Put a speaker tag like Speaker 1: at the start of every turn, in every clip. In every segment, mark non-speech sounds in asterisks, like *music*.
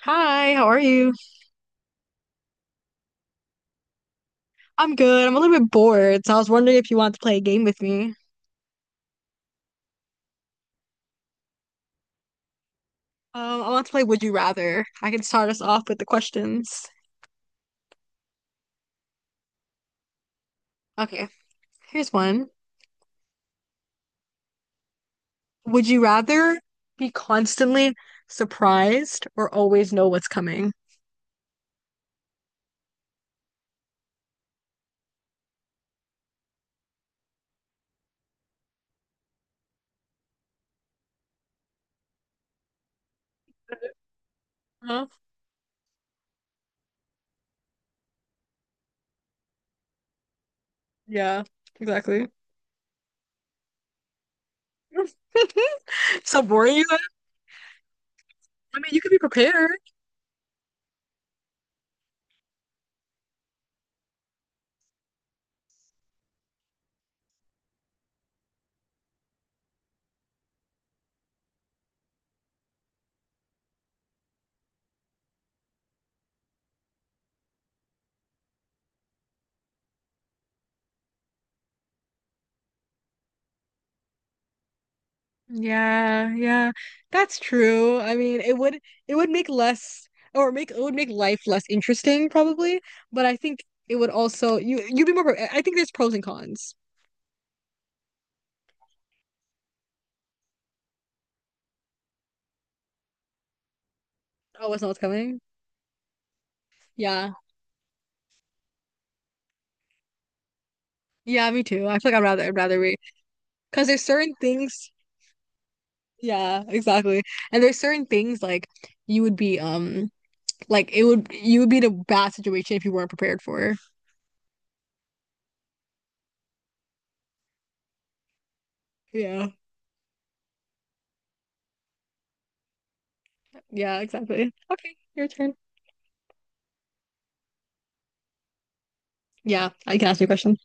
Speaker 1: Hi, how are you? I'm good. I'm a little bit bored, so I was wondering if you want to play a game with me. I want to play Would You Rather. I can start us off with the questions. Okay, here's one. Would you rather be constantly surprised or always know what's coming? Huh? Yeah, exactly. *laughs* So boring you are. I mean, you could be prepared. Yeah, yeah, that's true. I mean, it would make less or make it would make life less interesting probably, but I think it would also you'd be more I think there's pros and cons. Oh, it's not coming? Yeah. Yeah, me too. I feel like I'd rather wait because there's certain things, yeah, exactly. And there's certain things like you would be like it would you would be in a bad situation if you weren't prepared for. Yeah. Yeah, exactly. Okay, your turn. Yeah, I can ask you a question.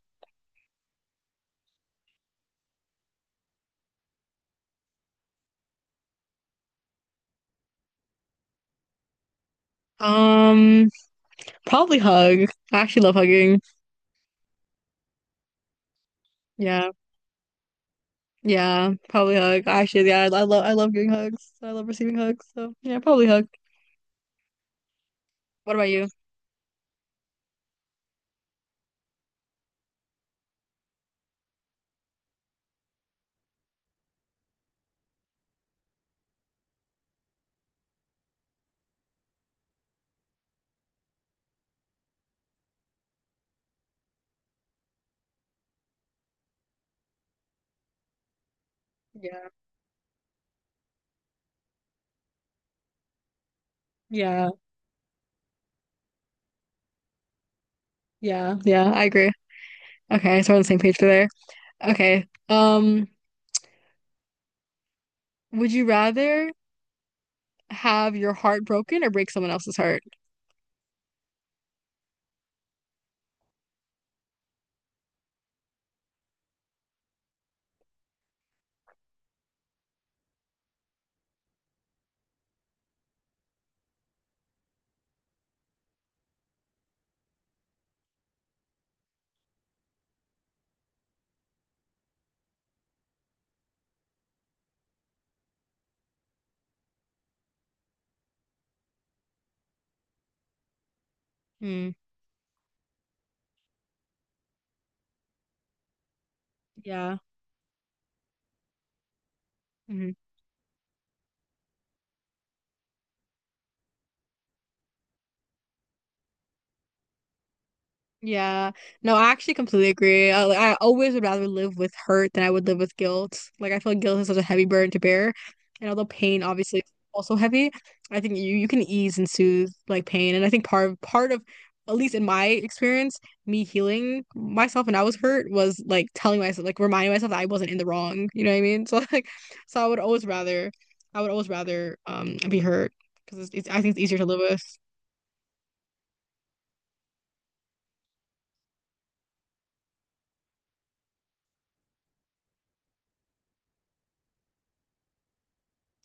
Speaker 1: Um Probably hug. I actually love hugging. Yeah. Yeah, probably hug. Actually, yeah, I love I love giving hugs. I love receiving hugs. So, yeah, probably hug. What about you? Yeah. Yeah. Yeah. Yeah, I agree. Okay, so we're on the same page for there. Okay. Would you rather have your heart broken or break someone else's heart? Mm, yeah. Mhm. Yeah. No, I actually completely agree. I, like, I always would rather live with hurt than I would live with guilt. Like I feel like guilt is such a heavy burden to bear. And although pain obviously is also heavy, I think you can ease and soothe like pain. And I think part of at least in my experience, me healing myself when I was hurt was like telling myself, like reminding myself that I wasn't in the wrong. You know what I mean? *laughs* So like, so I would always rather be hurt because it's I think it's easier to live with.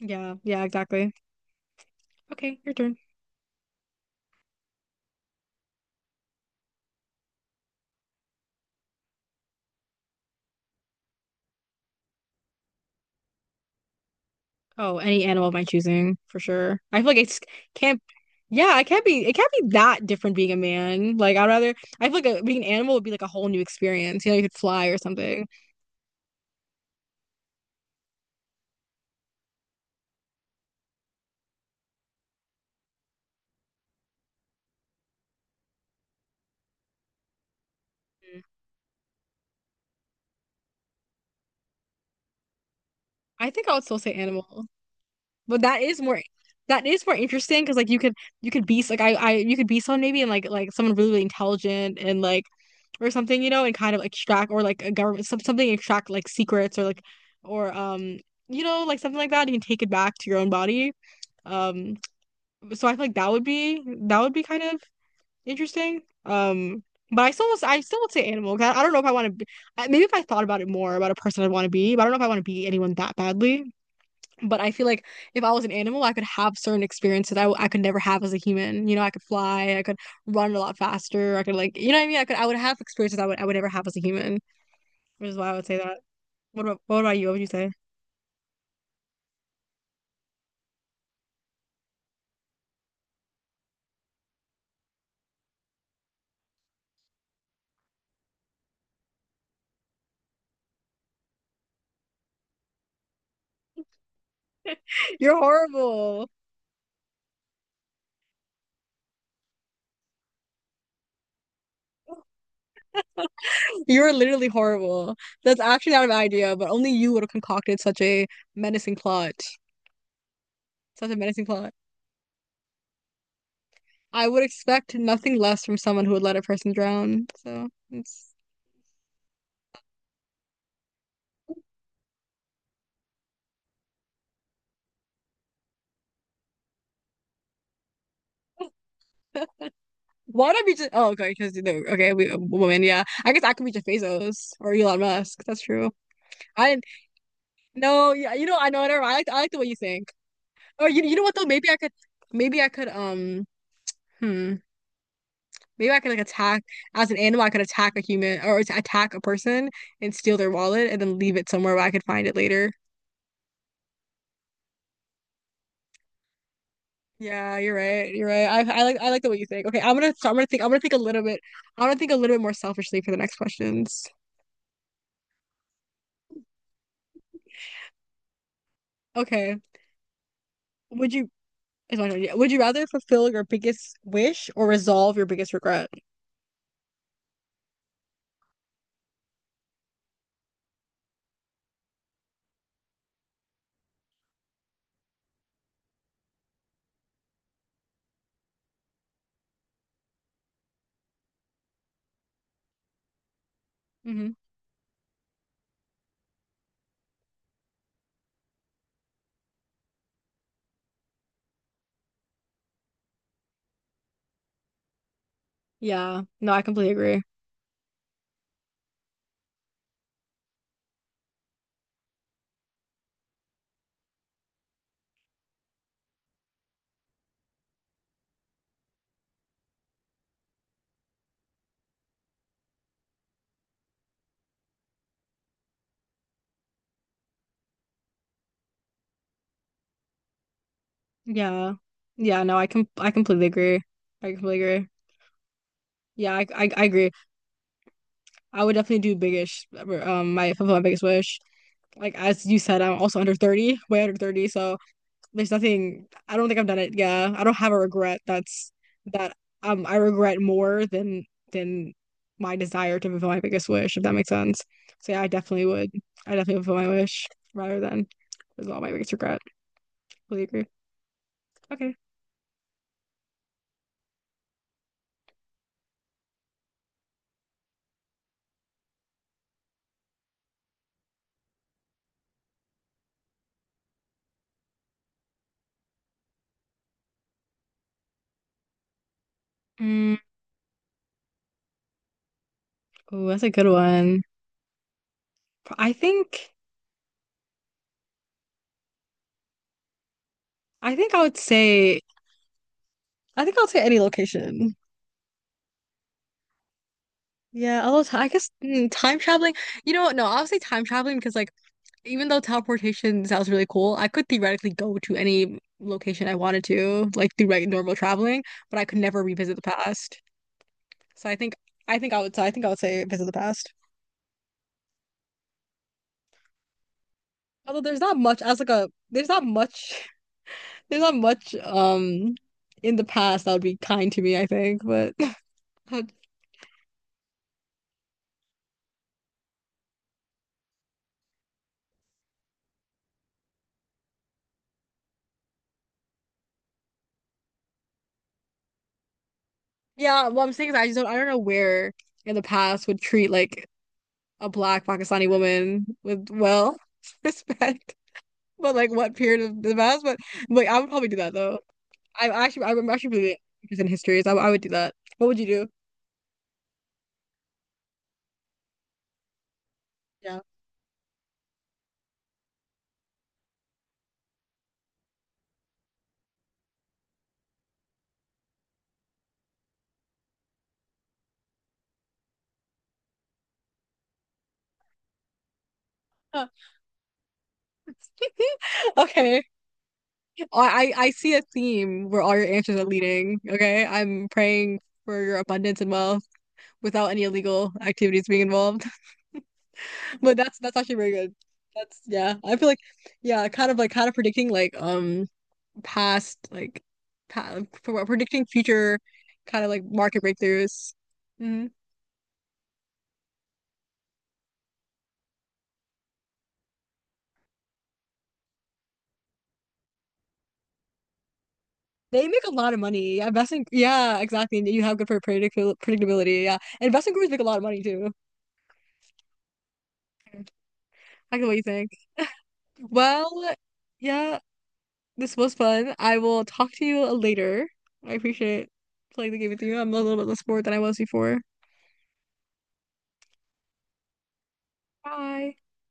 Speaker 1: Yeah, yeah, exactly. Okay, your turn. Oh, any animal of my choosing, for sure. I feel like it's can't, yeah, it can't be that different being a man. Like, I feel like being an animal would be like a whole new experience. You know, you could fly or something. Mhm. I think I would still say animal, but that is more interesting because like you could be like you could be someone maybe and like someone really, really intelligent and like or something, you know, and kind of extract or like a government something, extract like secrets or like or you know, like something like that. You can take it back to your own body. Um. So I feel like that would be kind of interesting. But I still would say animal 'cause I don't know if I want to be maybe if I thought about it more about a person I'd want to be, but I don't know if I want to be anyone that badly. But I feel like if I was an animal, I could have certain experiences I could never have as a human. You know, I could fly, I could run a lot faster, I could like, you know what I mean? I would have experiences I would never have as a human, which is why I would say that. What about, what about you? What would you say? *laughs* You're horrible. You are literally horrible. That's actually not an idea, but only you would have concocted such a menacing plot. Such a menacing plot. I would expect nothing less from someone who would let a person drown. So it's *laughs* why would I be, just oh okay, because okay, we, a woman, yeah. I guess I could be Jeff Bezos or Elon Musk. That's true. I didn't, no, yeah, you know, I know whatever. I like the way you think. Or you know what though? Maybe I could, hmm, maybe I could like attack as an animal. I could attack a human or attack a person and steal their wallet and then leave it somewhere where I could find it later. Yeah, you're right. You're right. I like the way you think. Okay, I'm gonna think. I'm gonna think a little bit. I'm gonna think a little bit more selfishly for the next questions. Okay. Would you? It's my turn. Yeah. Would you rather fulfill your biggest wish or resolve your biggest regret? hmm Yeah. No, I completely agree. Yeah. Yeah. No, I completely agree. I completely agree. Yeah, I agree. I would definitely do biggest my fulfill my biggest wish. Like as you said, I'm also under 30, way under 30, so there's nothing, I don't think I've done it. Yeah, I don't have a regret that's that I regret more than my desire to fulfill my biggest wish, if that makes sense. So yeah, I definitely would. I definitely fulfill my wish rather than is all my biggest regret. Fully agree. Okay. Mm, oh, that's a good one. I think I think I would say, I think I'll say any location. Yeah, although I guess time traveling, you know what? No, I'll say time traveling because, like, even though teleportation sounds really cool, I could theoretically go to any location I wanted to, like through like normal traveling, but I could never revisit the past. So I think I would say visit the past. Although there's not much, *laughs* there's not much in the past that would be kind to me, I think. But *laughs* yeah, what I'm saying is I just don't, I don't know where in the past would treat like a black Pakistani woman with well *laughs* respect, but like what period of the past? But like I would probably do that though. I'm actually really interested in history, so I would do that. What would you do? Yeah. Huh. *laughs* Okay. I see a theme where all your answers are leading. Okay. I'm praying for your abundance and wealth without any illegal activities being involved. *laughs* But that's actually very good. That's yeah. I feel like yeah, kind of like kind of predicting like past like pa for predicting future, kind of like market breakthroughs. hmm They make a lot of money. Yeah, investing. Yeah, exactly. You have good for predictability. Yeah, and investing groups make a lot of money too. I get what you think. Well, yeah, this was fun. I will talk to you later. I appreciate playing the game with you. I'm a little bit less bored than I was before. Bye.